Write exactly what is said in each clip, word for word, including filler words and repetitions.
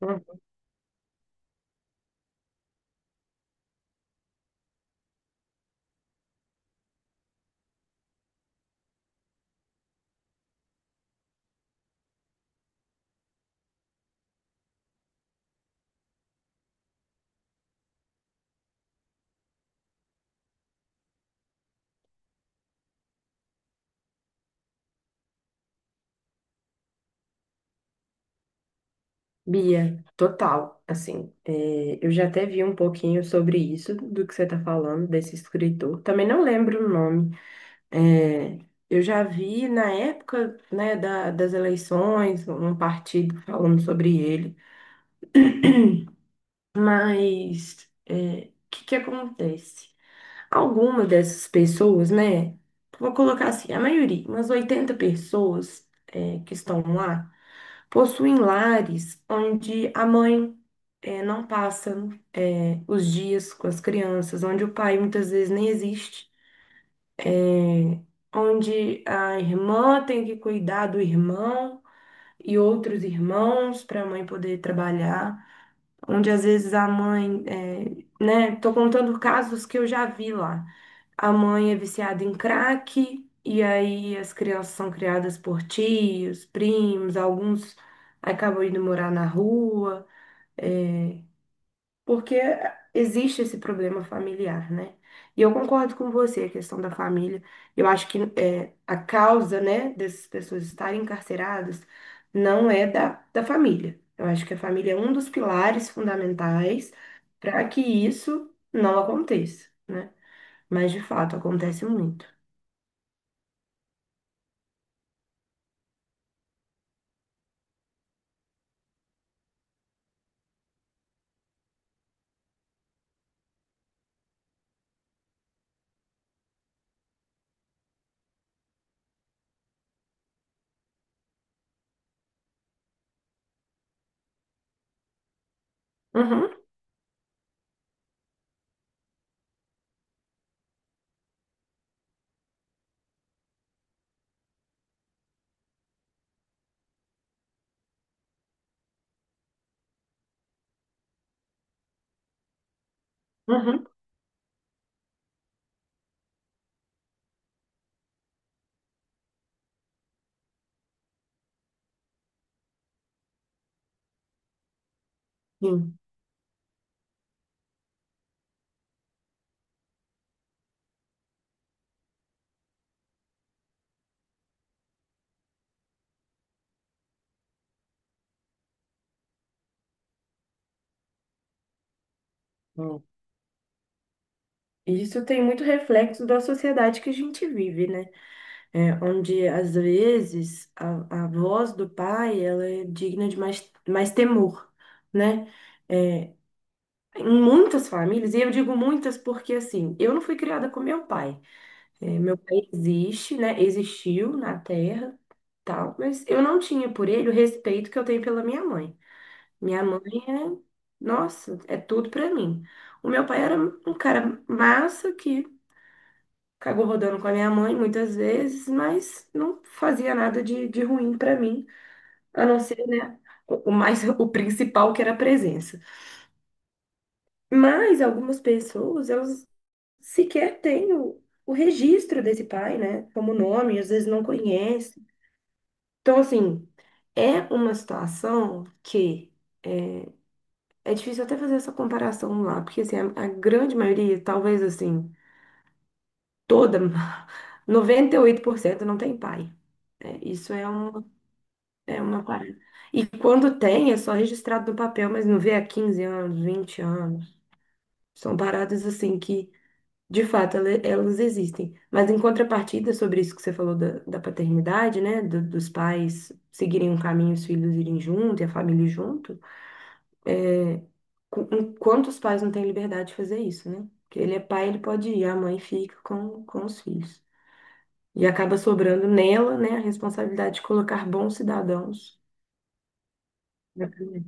Hum, Bia, total, assim, é, eu já até vi um pouquinho sobre isso, do que você está falando, desse escritor, também não lembro o nome. É, eu já vi na época, né, da- das eleições, um um partido falando sobre ele. Mas é, o que que acontece? Algumas dessas pessoas, né? Vou colocar assim, a maioria, umas oitenta pessoas, é, que estão lá, possuem lares onde a mãe, é, não passa, é, os dias com as crianças, onde o pai muitas vezes nem existe, onde a irmã tem que cuidar do irmão e outros irmãos para a mãe poder trabalhar, onde às vezes a mãe, é, né? Tô contando casos que eu já vi lá. A mãe é viciada em crack, e aí as crianças são criadas por tios, primos, alguns acabam indo morar na rua. É, porque existe esse problema familiar, né? E eu concordo com você, a questão da família. Eu acho que, é, a causa, né, dessas pessoas estarem encarceradas não é da, da família. Eu acho que a família é um dos pilares fundamentais para que isso não aconteça, né? Mas, de fato, acontece muito. Uhum, uhum, sim. Hum. Isso tem muito reflexo da sociedade que a gente vive, né? É, onde às vezes a, a voz do pai ela é digna de mais, mais temor, né? É, em muitas famílias, e eu digo muitas porque assim, eu não fui criada com meu pai. É, meu pai existe, né? Existiu na Terra, tal, mas eu não tinha por ele o respeito que eu tenho pela minha mãe. Minha mãe, é, nossa, é tudo pra mim. O meu pai era um cara massa que acabou rodando com a minha mãe muitas vezes, mas não fazia nada de, de ruim para mim, a não ser, né, o o mais o principal, que era a presença. Mas algumas pessoas, elas sequer têm o, o registro desse pai, né, como nome, às vezes não conhece. Então, assim, é uma situação que é difícil até fazer essa comparação lá, porque assim, a, a grande maioria, talvez assim, toda noventa e oito por cento não tem pai. Né? Isso é um... É uma parada. E quando tem, é só registrado no papel, mas não vê há quinze anos, vinte anos. São paradas assim que, de fato, ele- elas existem. Mas em contrapartida, sobre isso que você falou da, da paternidade, né? Do- dos pais seguirem um caminho, os filhos irem junto e a família ir junto. Qu- Enquanto os pais não têm liberdade de fazer isso, né? Porque ele é pai, ele pode ir, a mãe fica com, com os filhos. E acaba sobrando nela, né, a responsabilidade de colocar bons cidadãos na família.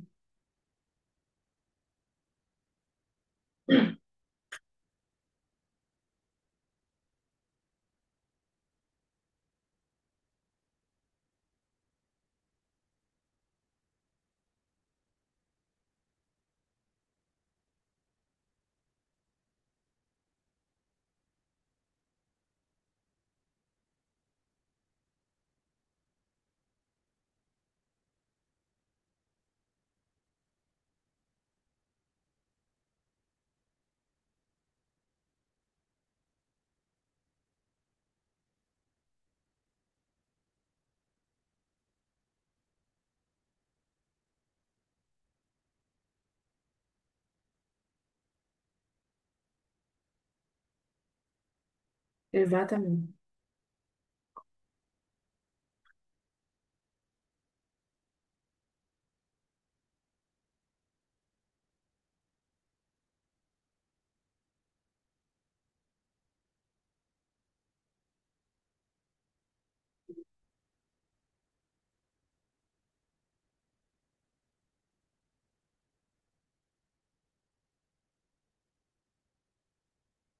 Exatamente.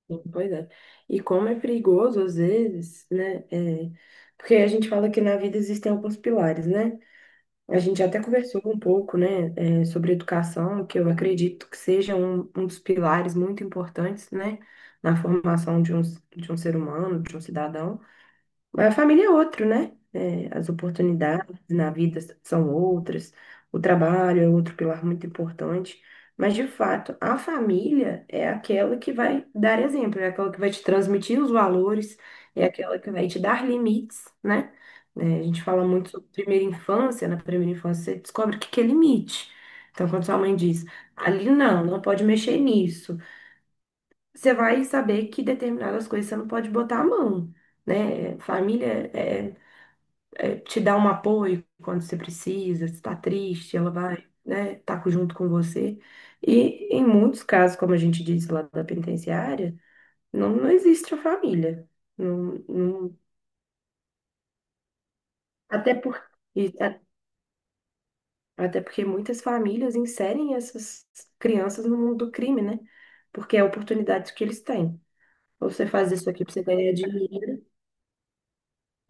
Sim, pois é. E como é perigoso, às vezes, né? É, porque a gente fala que na vida existem alguns pilares, né? A gente até conversou um pouco, né, é, sobre educação, que eu acredito que seja um, um dos pilares muito importantes, né, na formação de um, de um ser humano, de um cidadão. Mas a família é outro, né? É, as oportunidades na vida são outras, o trabalho é outro pilar muito importante. Mas, de fato, a família é aquela que vai dar exemplo, é aquela que vai te transmitir os valores, é aquela que vai te dar limites, né? É, a gente fala muito sobre primeira infância, na primeira infância você descobre o que que é limite. Então, quando sua mãe diz, ali não, não pode mexer nisso, você vai saber que determinadas coisas você não pode botar a mão. Né? Família é, eh, te dar um apoio quando você precisa, se está triste, ela vai, né, tá co- junto com você. E em muitos casos, como a gente diz lá da penitenciária, não, não existe a família. Não, não... até por, e a- até porque muitas famílias inserem essas crianças no mundo do crime, né? Porque é a oportunidade que eles têm. Ou você faz isso aqui para você ganhar dinheiro,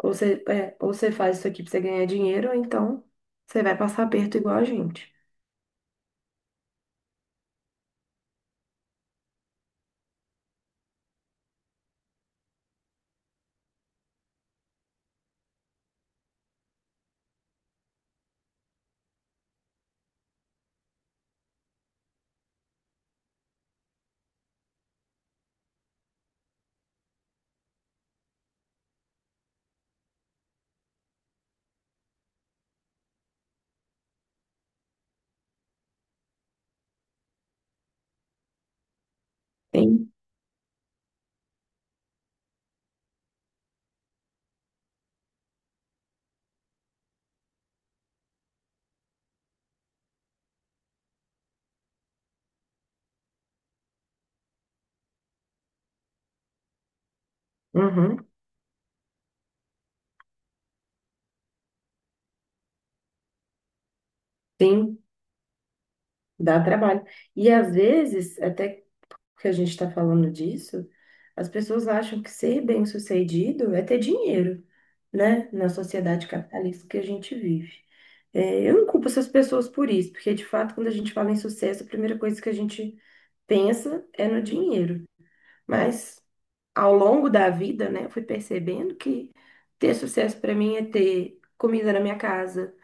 ou você, é, ou você faz isso aqui para você ganhar dinheiro, ou então você vai passar aperto igual a gente. Tem. Uhum. Sim, dá trabalho. E às vezes, até que a gente está falando disso, as pessoas acham que ser bem-sucedido é ter dinheiro, né? Na sociedade capitalista que a gente vive. É, eu não culpo essas pessoas por isso, porque de fato, quando a gente fala em sucesso, a primeira coisa que a gente pensa é no dinheiro. Mas ao longo da vida, né, eu fui percebendo que ter sucesso para mim é ter comida na minha casa,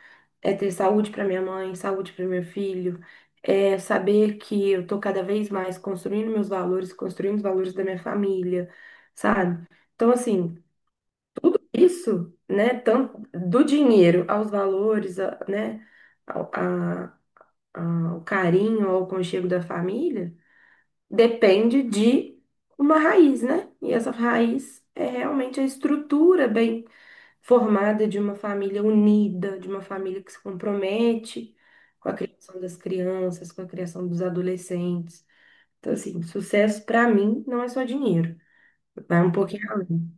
é ter saúde para minha mãe, saúde para meu filho, é saber que eu tô cada vez mais construindo meus valores, construindo os valores da minha família, sabe? Então, assim, tudo isso, né, tanto do dinheiro aos valores, a- né, ao, a- a- o carinho, ao aconchego da família, depende de uma raiz, né? E essa raiz é realmente a estrutura bem formada de uma família unida, de uma família que se compromete com a criação das crianças, com a criação dos adolescentes. Então, assim, sucesso para mim não é só dinheiro, vai um pouquinho além.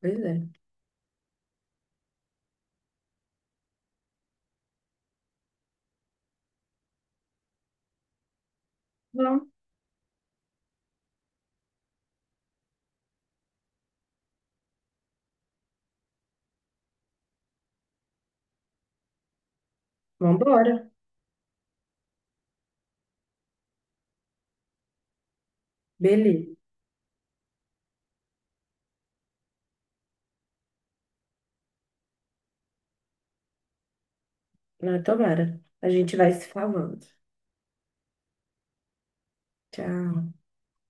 Pois é. Bom, vamos embora. Beleza. Não, tomara. A gente vai se falando. Tchau.